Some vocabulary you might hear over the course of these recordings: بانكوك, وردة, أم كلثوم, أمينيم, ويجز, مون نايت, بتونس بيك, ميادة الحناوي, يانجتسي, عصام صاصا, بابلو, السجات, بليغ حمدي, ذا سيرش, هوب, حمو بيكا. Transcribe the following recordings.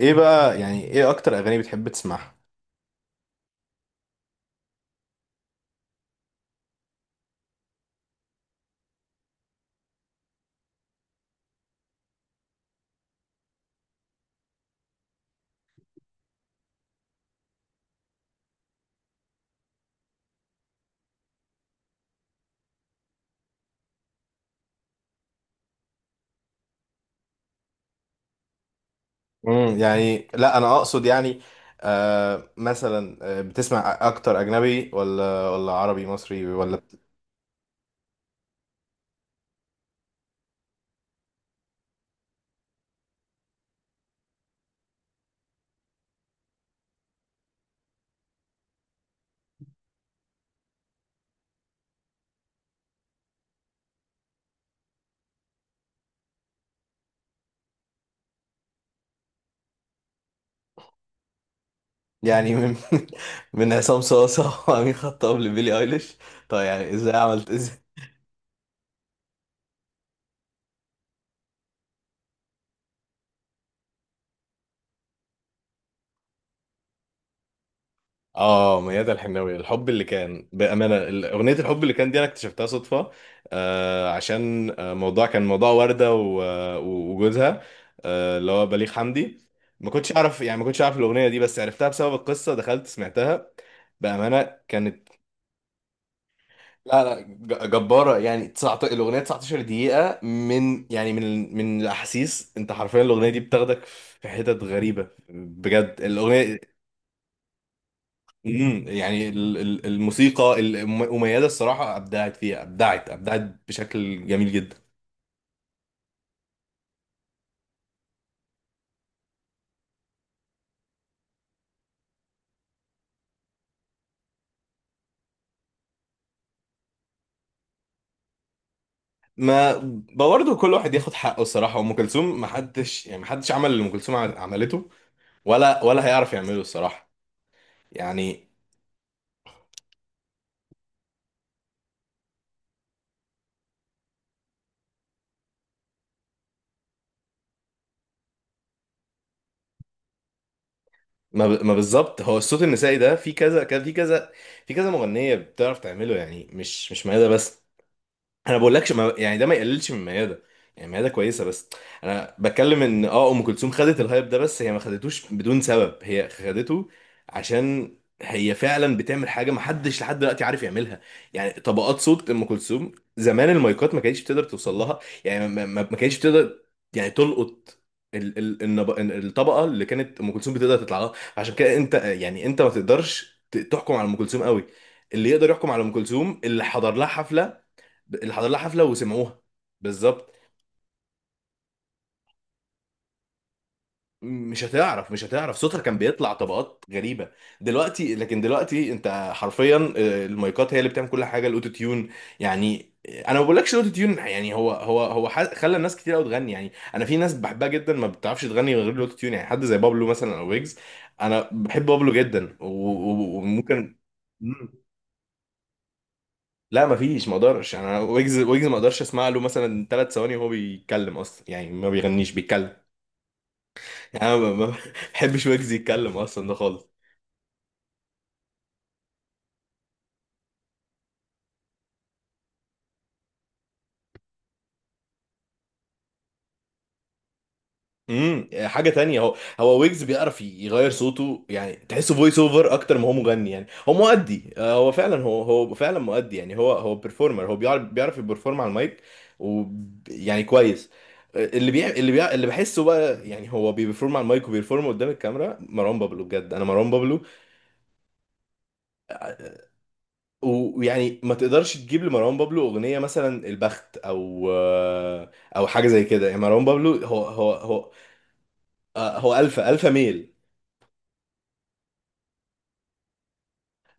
ايه بقى، يعني ايه اكتر اغاني بتحب تسمعها؟ يعني، لا انا اقصد، يعني مثلا، بتسمع اكتر اجنبي ولا عربي مصري ولا يعني من من عصام صاصا وامين خطاب لبيلي ايليش. طيب، يعني ازاي عملت؟ اه، ميادة الحناوي، الحب اللي كان، بأمانة، أغنية الحب اللي كان دي أنا اكتشفتها صدفة. عشان موضوع، كان موضوع وردة وجوزها، اللي هو بليغ حمدي. ما كنتش أعرف، يعني ما كنتش أعرف الأغنية دي، بس عرفتها بسبب القصة، دخلت سمعتها. بأمانة كانت، لا لا، جبارة. يعني 19، الأغنية 19 دقيقة من، يعني من الأحاسيس. أنت حرفيا الأغنية دي بتاخدك في حتت غريبة، بجد الأغنية. يعني، الموسيقى المميزه، الصراحه ابدعت فيها، ابدعت ابدعت بشكل جميل جدا. ما برضه كل واحد ياخد حقه. الصراحه ام كلثوم، ما حدش يعني ما حدش عمل اللي ام كلثوم عملته، ولا هيعرف يعمله الصراحه. يعني ما ما بالظبط، هو الصوت النسائي ده في كذا كذا، في كذا، في كذا مغنيه بتعرف تعمله، يعني مش ميادة بس. انا بقولكش، ما يعني ده ما يقللش من ميادة. يعني ميادة كويسة، بس انا بتكلم ان ام كلثوم خدت الهايب ده، بس هي ما خدتوش بدون سبب، هي خدته عشان هي فعلا بتعمل حاجة ما حدش لحد دلوقتي عارف يعملها. يعني طبقات صوت ام كلثوم، زمان المايكات ما كانتش بتقدر توصل لها. يعني ما كانتش بتقدر يعني تلقط الطبقة اللي كانت ام كلثوم بتقدر تطلع لها. عشان كده انت، يعني انت ما تقدرش تحكم على ام كلثوم قوي. اللي يقدر يحكم على ام كلثوم اللي حضر لها حفلة، اللي حضر لها حفله وسمعوها. بالظبط. مش هتعرف، مش هتعرف. صوتها كان بيطلع طبقات غريبه دلوقتي، لكن دلوقتي انت حرفيا، المايكات هي اللي بتعمل كل حاجه، الاوتو تيون يعني. انا ما بقولكش الاوتو تيون، يعني خلى الناس كتير قوي تغني. يعني انا في ناس بحبها جدا ما بتعرفش تغني من غير الاوتو تيون، يعني حد زي بابلو مثلا او ويجز. انا بحب بابلو جدا وممكن. مم. لا ما فيش، ما اقدرش. يعني أنا ويجز، ما اقدرش اسمع له مثلا 3 ثواني وهو بيتكلم اصلا، يعني ما بيغنيش بيتكلم. انا ما ما- ما بحبش ويجز يتكلم اصلا ده خالص. حاجه تانية، هو ويجز بيعرف يغير صوته، يعني تحسه فويس اوفر اكتر ما هو مغني. يعني هو مؤدي، هو فعلا، هو فعلا مؤدي، يعني هو بيرفورمر، هو بيعرف يبرفورم على المايك و يعني كويس. اللي بحسه بقى، يعني هو بيبرفورم على المايك وبيبرفورم قدام الكاميرا. مروان بابلو، بجد انا مروان بابلو ويعني ما تقدرش تجيب لمروان بابلو اغنيه مثلا البخت او او حاجه زي كده. يعني مروان بابلو هو هو الفا ميل.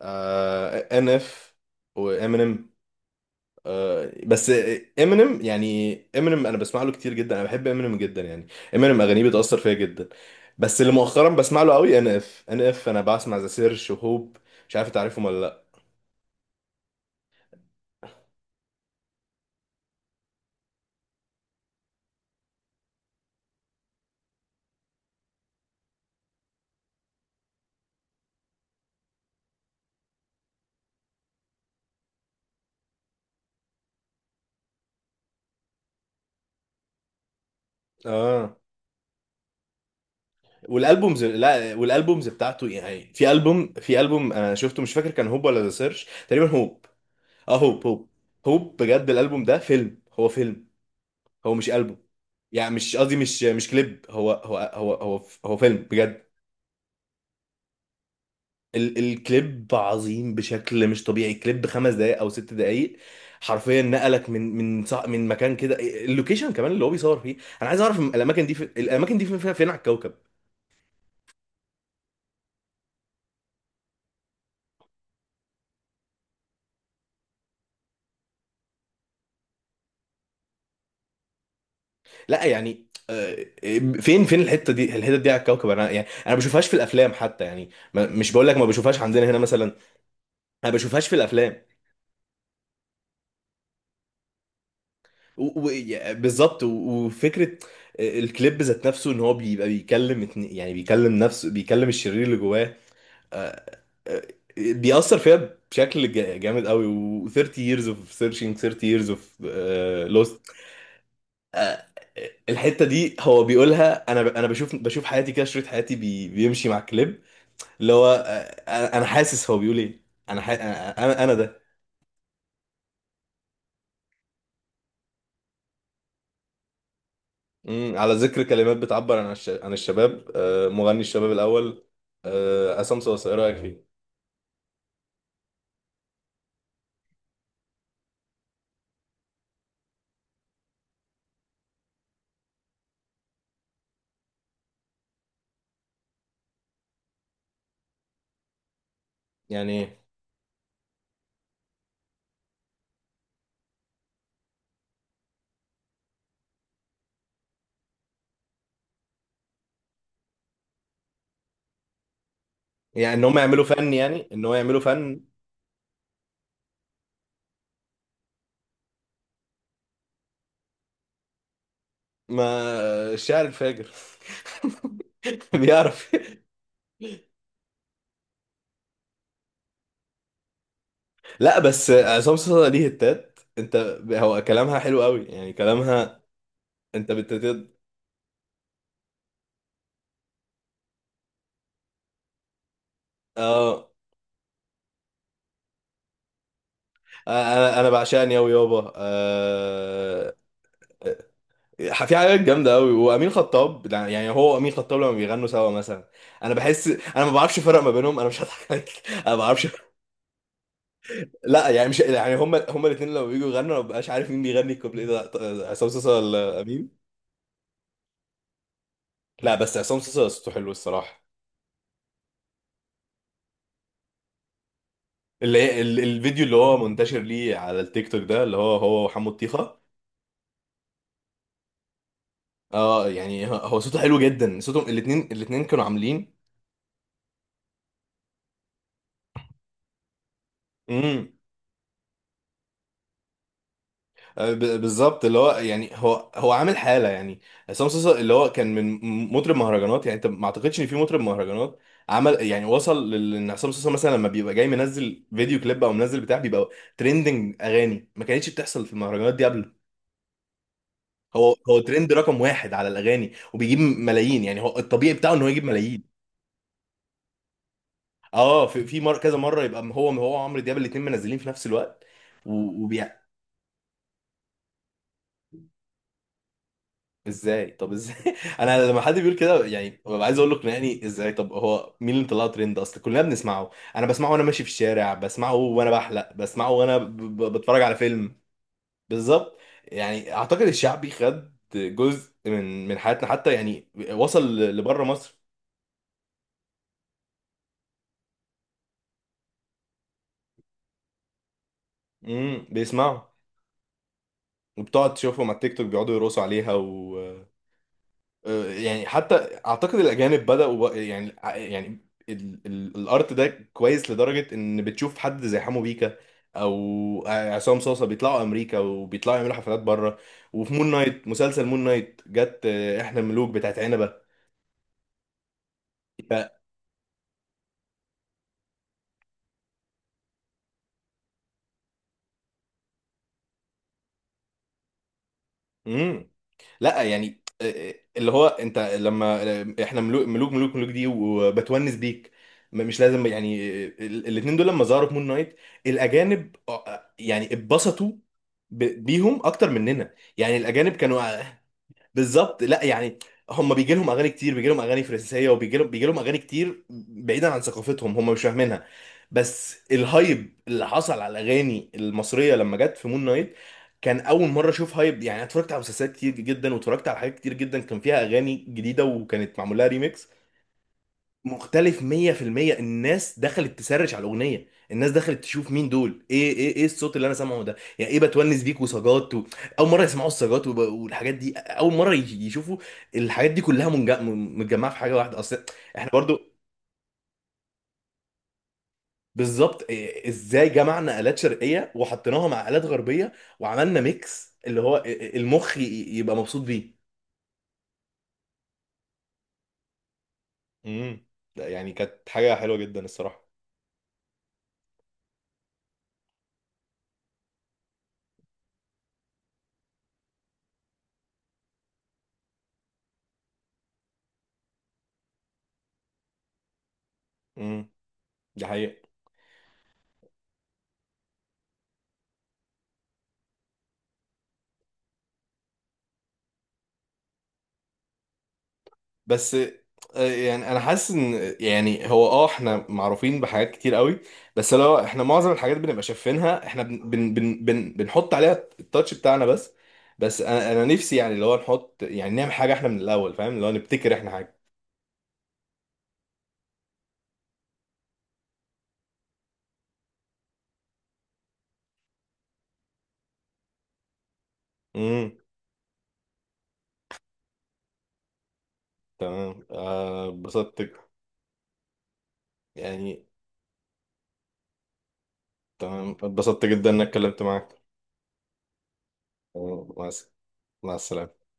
NF وامينيم، بس امينيم يعني، امينيم انا بسمع له كتير جدا، انا بحب امينيم جدا يعني، امينيم اغانيه بتاثر فيا جدا. بس اللي مؤخرا بسمع له قوي ان اف، انا بسمع ذا سيرش وهوب. مش عارف تعرفهم ولا لا؟ اه، والالبومز، لا والالبومز بتاعته يعني، في البوم، انا شفته مش فاكر كان هوب ولا ذا سيرش، تقريبا هوب. اه، هوب هوب. هوب بجد، الالبوم ده فيلم، هو فيلم، هو مش ألبوم. يعني مش قصدي، مش كليب، هو فيلم بجد. الكليب عظيم بشكل مش طبيعي. كليب 5 دقايق او 6 دقايق، حرفيا نقلك من مكان كده، اللوكيشن كمان اللي هو بيصور فيه. انا عايز اعرف الاماكن دي، في الاماكن دي فين، فين على الكوكب؟ لا، يعني فين الحته دي، على الكوكب. انا يعني انا ما بشوفهاش في الافلام حتى، يعني مش بقول لك ما بشوفهاش عندنا هنا مثلا، انا ما بشوفهاش في الافلام. بالظبط، وفكره الكليب ذات نفسه ان هو بيبقى بيكلم يعني بيكلم نفسه، بيكلم الشرير اللي جواه. آه، آه، بيأثر فيها بشكل جامد قوي. و 30 years of searching, 30 years of lost. آه، الحته دي هو بيقولها، انا انا بشوف حياتي، كده شريط حياتي بيمشي مع الكليب. اللي هو، أنا حاسس هو بيقول ايه. انا ح- انا انا أنا ده. على ذكر كلمات بتعبر عن عن الشباب، مغني الشباب الاول، عصام صاصا ايه رايك فيه؟ يعني يعني ان هم يعملوا فن، يعني ان هو يعملوا فن. ما الشاعر الفاجر بيعرف. لا بس، عصام صاصا ليه هتات انت؟ هو كلامها حلو قوي يعني، كلامها انت بتت اه. انا بعشقني قوي يابا، في حاجات جامده قوي. وامين خطاب، يعني هو وامين خطاب لما بيغنوا سوا مثلا، انا بحس، انا ما بعرفش افرق ما بينهم. انا مش هضحك عليك انا ما بعرفش. لا، يعني مش يعني هما الاثنين لما بييجوا يغنوا، أنا ما ببقاش عارف مين بيغني الكوبليه ده، عصام صاصا ولا امين؟ لا بس، عصام صاصا صوته حلو الصراحه. اللي هي الفيديو اللي هو منتشر ليه على التيك توك ده، اللي هو وحمو الطيخه. اه، يعني هو صوته حلو جدا، صوتهم الاثنين، كانوا عاملين. امم بالظبط. اللي هو يعني هو عامل حاله يعني. عصام صاصا اللي هو كان من مطرب مهرجانات. يعني انت ما اعتقدش ان في مطرب مهرجانات عمل، يعني وصل ان عصام صاصا مثلا لما بيبقى جاي منزل فيديو كليب او منزل بتاع، بيبقى ترندنج. اغاني ما كانتش بتحصل في المهرجانات دي قبل. هو ترند رقم واحد على الاغاني، وبيجيب ملايين. يعني هو الطبيعي بتاعه ان هو يجيب ملايين. اه، في في كذا مره يبقى هو، هو وعمرو دياب الاثنين منزلين في نفس الوقت. ازاي؟ طب ازاي؟ انا لما حد بيقول كده، يعني ببقى عايز اقول له اقنعني ازاي، طب هو مين اللي طلعه ترند؟ اصل كلنا بنسمعه، انا بسمعه وانا ماشي في الشارع، بسمعه وانا بحلق، بسمعه وانا بتفرج على فيلم. بالظبط. يعني اعتقد الشعبي خد جزء من حياتنا، حتى يعني وصل لبره مصر. بيسمعه، وبتقعد تشوفهم على التيك توك بيقعدوا يرقصوا عليها. يعني حتى اعتقد الاجانب بداوا يعني الارت ده كويس لدرجه ان بتشوف حد زي حمو بيكا او عصام صاصا بيطلعوا امريكا، وبيطلعوا يعملوا حفلات بره. وفي مون نايت، مسلسل مون نايت جت احنا ملوك بتاعت عنبه. امم لا، يعني اللي هو انت لما احنا ملوك دي، وبتونس بيك. مش لازم، يعني الاتنين دول لما ظهروا في مون نايت الاجانب، يعني اتبسطوا بيهم اكتر مننا. يعني الاجانب كانوا، بالظبط. لا يعني، هم بيجي لهم اغاني كتير، بيجي لهم اغاني فرنسيه، وبيجي لهم اغاني كتير بعيدا عن ثقافتهم، هم مش فاهمينها. بس الهايب اللي حصل على الاغاني المصريه لما جت في مون نايت كان اول مره اشوف هايب. يعني أنا اتفرجت على مسلسلات كتير جدا واتفرجت على حاجات كتير جدا كان فيها اغاني جديده وكانت معمول لها ريميكس مختلف 100%. الناس دخلت تسرش على الاغنيه، الناس دخلت تشوف مين دول، ايه ايه الصوت اللي انا سامعه ده، يعني ايه بتونس بيك وسجات و... اول مره يسمعوا السجات والحاجات دي. اول مره يشوفوا الحاجات دي كلها متجمعه في حاجه واحده. اصل احنا برضو، بالظبط. ازاي جمعنا الات شرقيه وحطيناها مع الات غربيه، وعملنا ميكس اللي هو المخ يبقى مبسوط بيه. امم ده يعني كانت حاجه حلوه جدا الصراحه. امم دي حقيقه. بس يعني انا حاسس ان، يعني هو اه احنا معروفين بحاجات كتير قوي، بس لو احنا معظم الحاجات بنبقى شايفينها، احنا بن بن بن بن بنحط عليها التاتش بتاعنا بس. بس انا نفسي يعني اللي هو نحط، يعني نعمل حاجه احنا من الاول، فاهم؟ اللي هو نبتكر احنا حاجه. امم تمام، اتبسطت يعني. تمام، اتبسطت جدا انك اتكلمت معاك. آه، مع الس- مع السلامه.